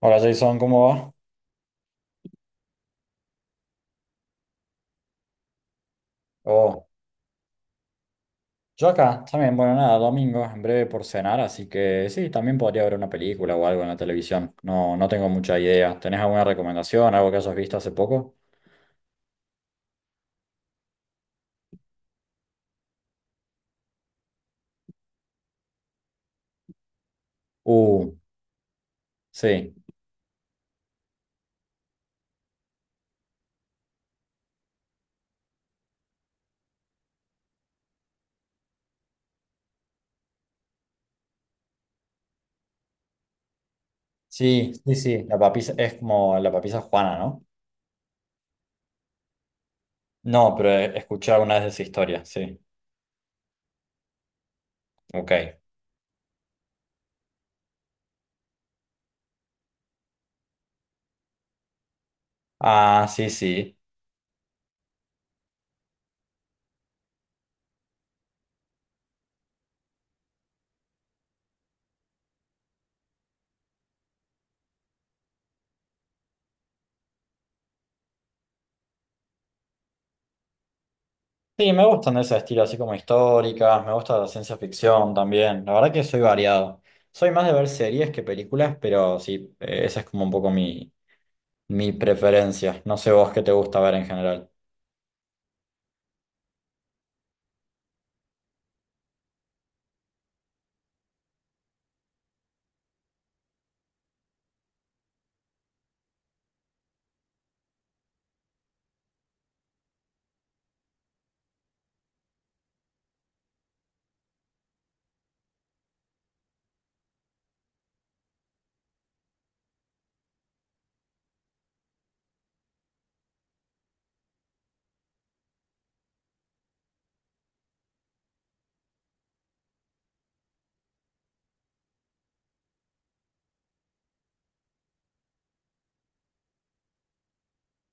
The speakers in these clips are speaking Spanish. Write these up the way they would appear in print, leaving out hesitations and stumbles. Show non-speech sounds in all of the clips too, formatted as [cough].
Hola Jason, ¿cómo va? Oh, yo acá, también, bueno, nada, domingo, en breve por cenar, así que sí, también podría ver una película o algo en la televisión. No, no tengo mucha idea. ¿Tenés alguna recomendación, algo que hayas visto hace poco? Uh, sí, sí, sí, sí, la papisa es como la papisa Juana, ¿no? No, pero he escuchado una vez esa historia, sí. Ok. Ah, sí, sí. Sí, me gustan de ese estilo, así como históricas, me gusta la ciencia ficción también. La verdad que soy variado. Soy más de ver series que películas, pero sí, esa es como un poco mi, mi preferencia. No sé vos qué te gusta ver en general.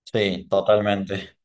Sí, totalmente.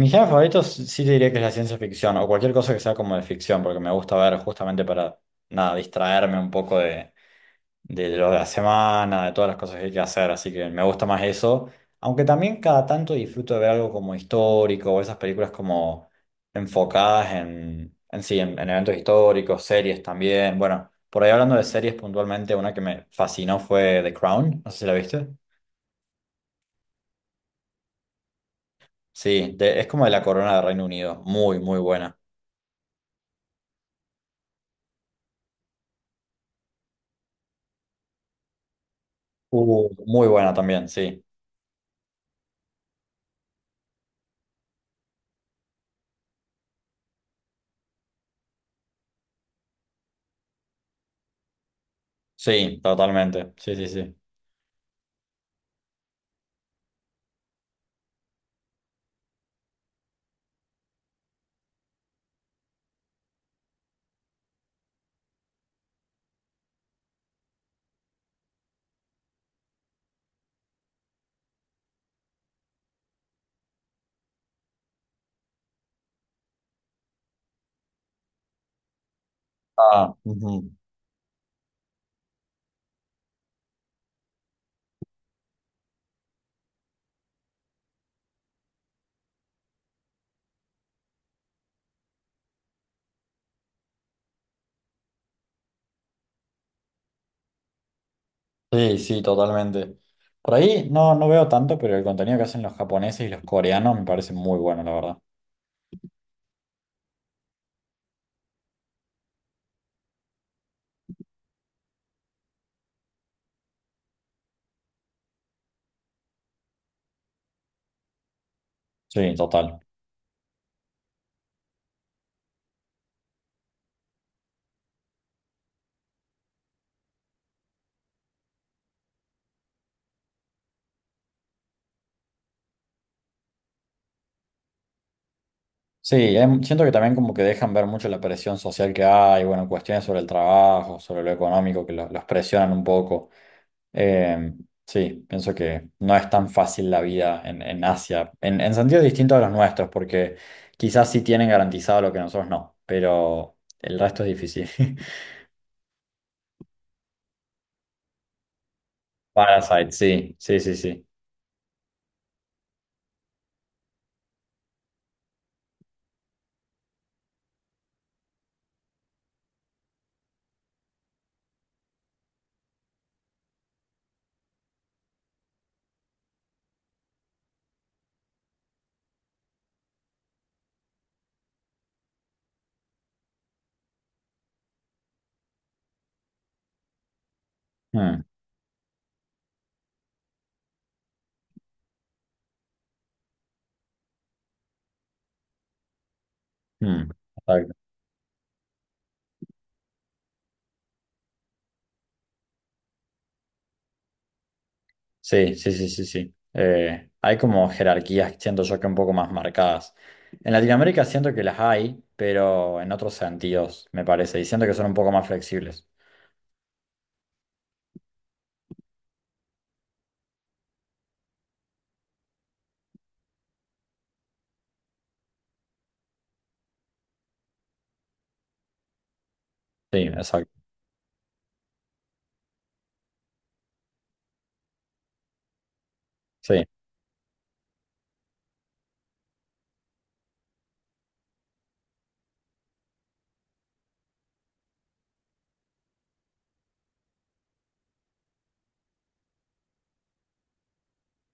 Mi género favorito sí te diría que es la ciencia ficción o cualquier cosa que sea como de ficción, porque me gusta ver justamente para, nada, distraerme un poco de lo de la semana, de todas las cosas que hay que hacer, así que me gusta más eso. Aunque también cada tanto disfruto de ver algo como histórico, o esas películas como enfocadas en sí, en eventos históricos, series también. Bueno, por ahí hablando de series puntualmente, una que me fascinó fue The Crown, no sé si la viste. Sí, de- es como de la corona de Reino Unido, muy, muy buena. Muy buena también, sí. Sí, totalmente. Sí, sí, sí. Ah, ujú. Sí, sí, totalmente. Por ahí no, no veo tanto, pero el contenido que hacen los japoneses y los coreanos me parece muy bueno, la verdad. Sí, total. Sí, siento que también como que dejan ver mucho la presión social que hay, bueno, cuestiones sobre el trabajo, sobre lo económico, que los presionan un poco. Eh, sí, pienso que no es tan fácil la vida en Asia, en sentidos distintos a los nuestros, porque quizás sí tienen garantizado lo que nosotros no, pero el resto es difícil. [laughs] Parasite, sí, sí, sí, sí. Mm. Mm, exacto. Sí, sí, sí, sí, sí. Hay como jerarquías, siento yo que un poco más marcadas. En Latinoamérica siento que las hay, pero en otros sentidos, me parece, y siento que son un poco más flexibles. Sí, exacto. Sí,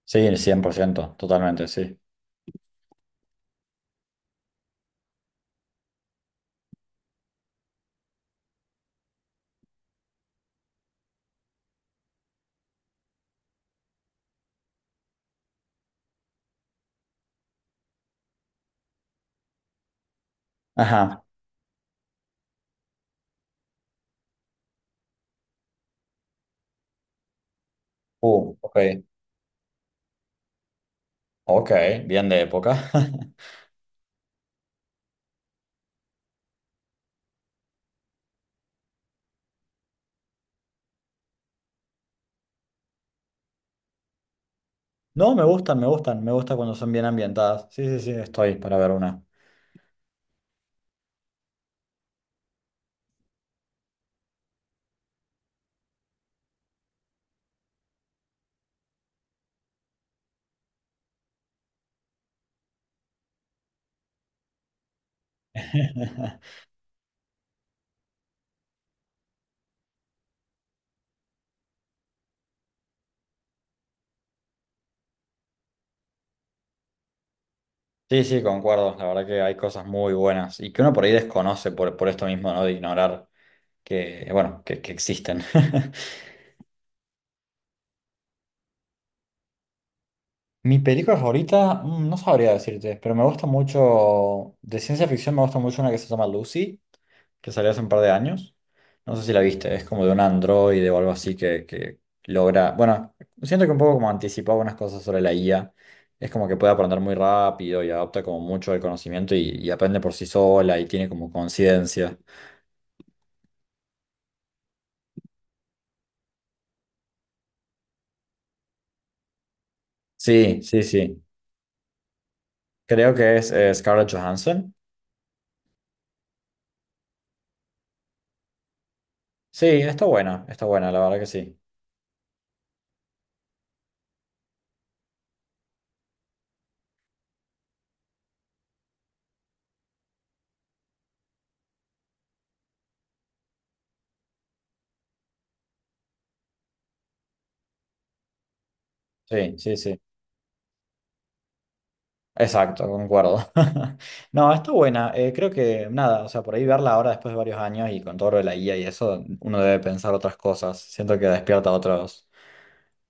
sí, 100% totalmente, sí. Ajá. Ok. Ok, bien de época. [laughs] No, me gustan, me gustan, me gusta cuando son bien ambientadas. Sí, sí, sí, estoy para ver una. [laughs] Sí, sí, concuerdo. La verdad que hay cosas muy buenas y que uno por ahí desconoce por esto mismo, ¿no? De ignorar que, bueno, que existen. [laughs] Mi película favorita, mm, no sabría decirte, pero me gusta mucho, de ciencia ficción me gusta mucho una que se llama Lucy, que salió hace un par de años. No sé si la viste, es como de un androide o algo así que logra, bueno, siento que un poco como anticipaba unas cosas sobre la IA. Es como que puede aprender muy rápido y adopta como mucho el conocimiento y aprende por sí sola y tiene como conciencia. Sí, sí, sí. Creo que es Scarlett Johansson. Sí, está buena, la verdad que sí. Sí, sí, sí. Exacto, concuerdo. [laughs] No, está buena. Creo que nada, o sea, por ahí verla ahora después de varios años y con todo lo de la guía y eso, uno debe pensar otras cosas. Siento que despierta otros,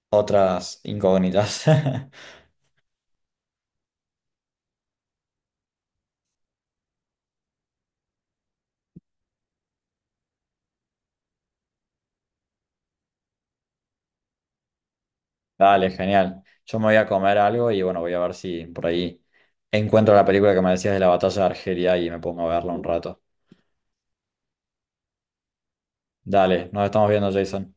otras incógnitas. [laughs] Dale, genial. Yo me voy a comer algo y bueno, voy a ver si por ahí encuentro la película que me decías de la batalla de Argelia y me pongo a verla un rato. Dale, nos estamos viendo, Jason.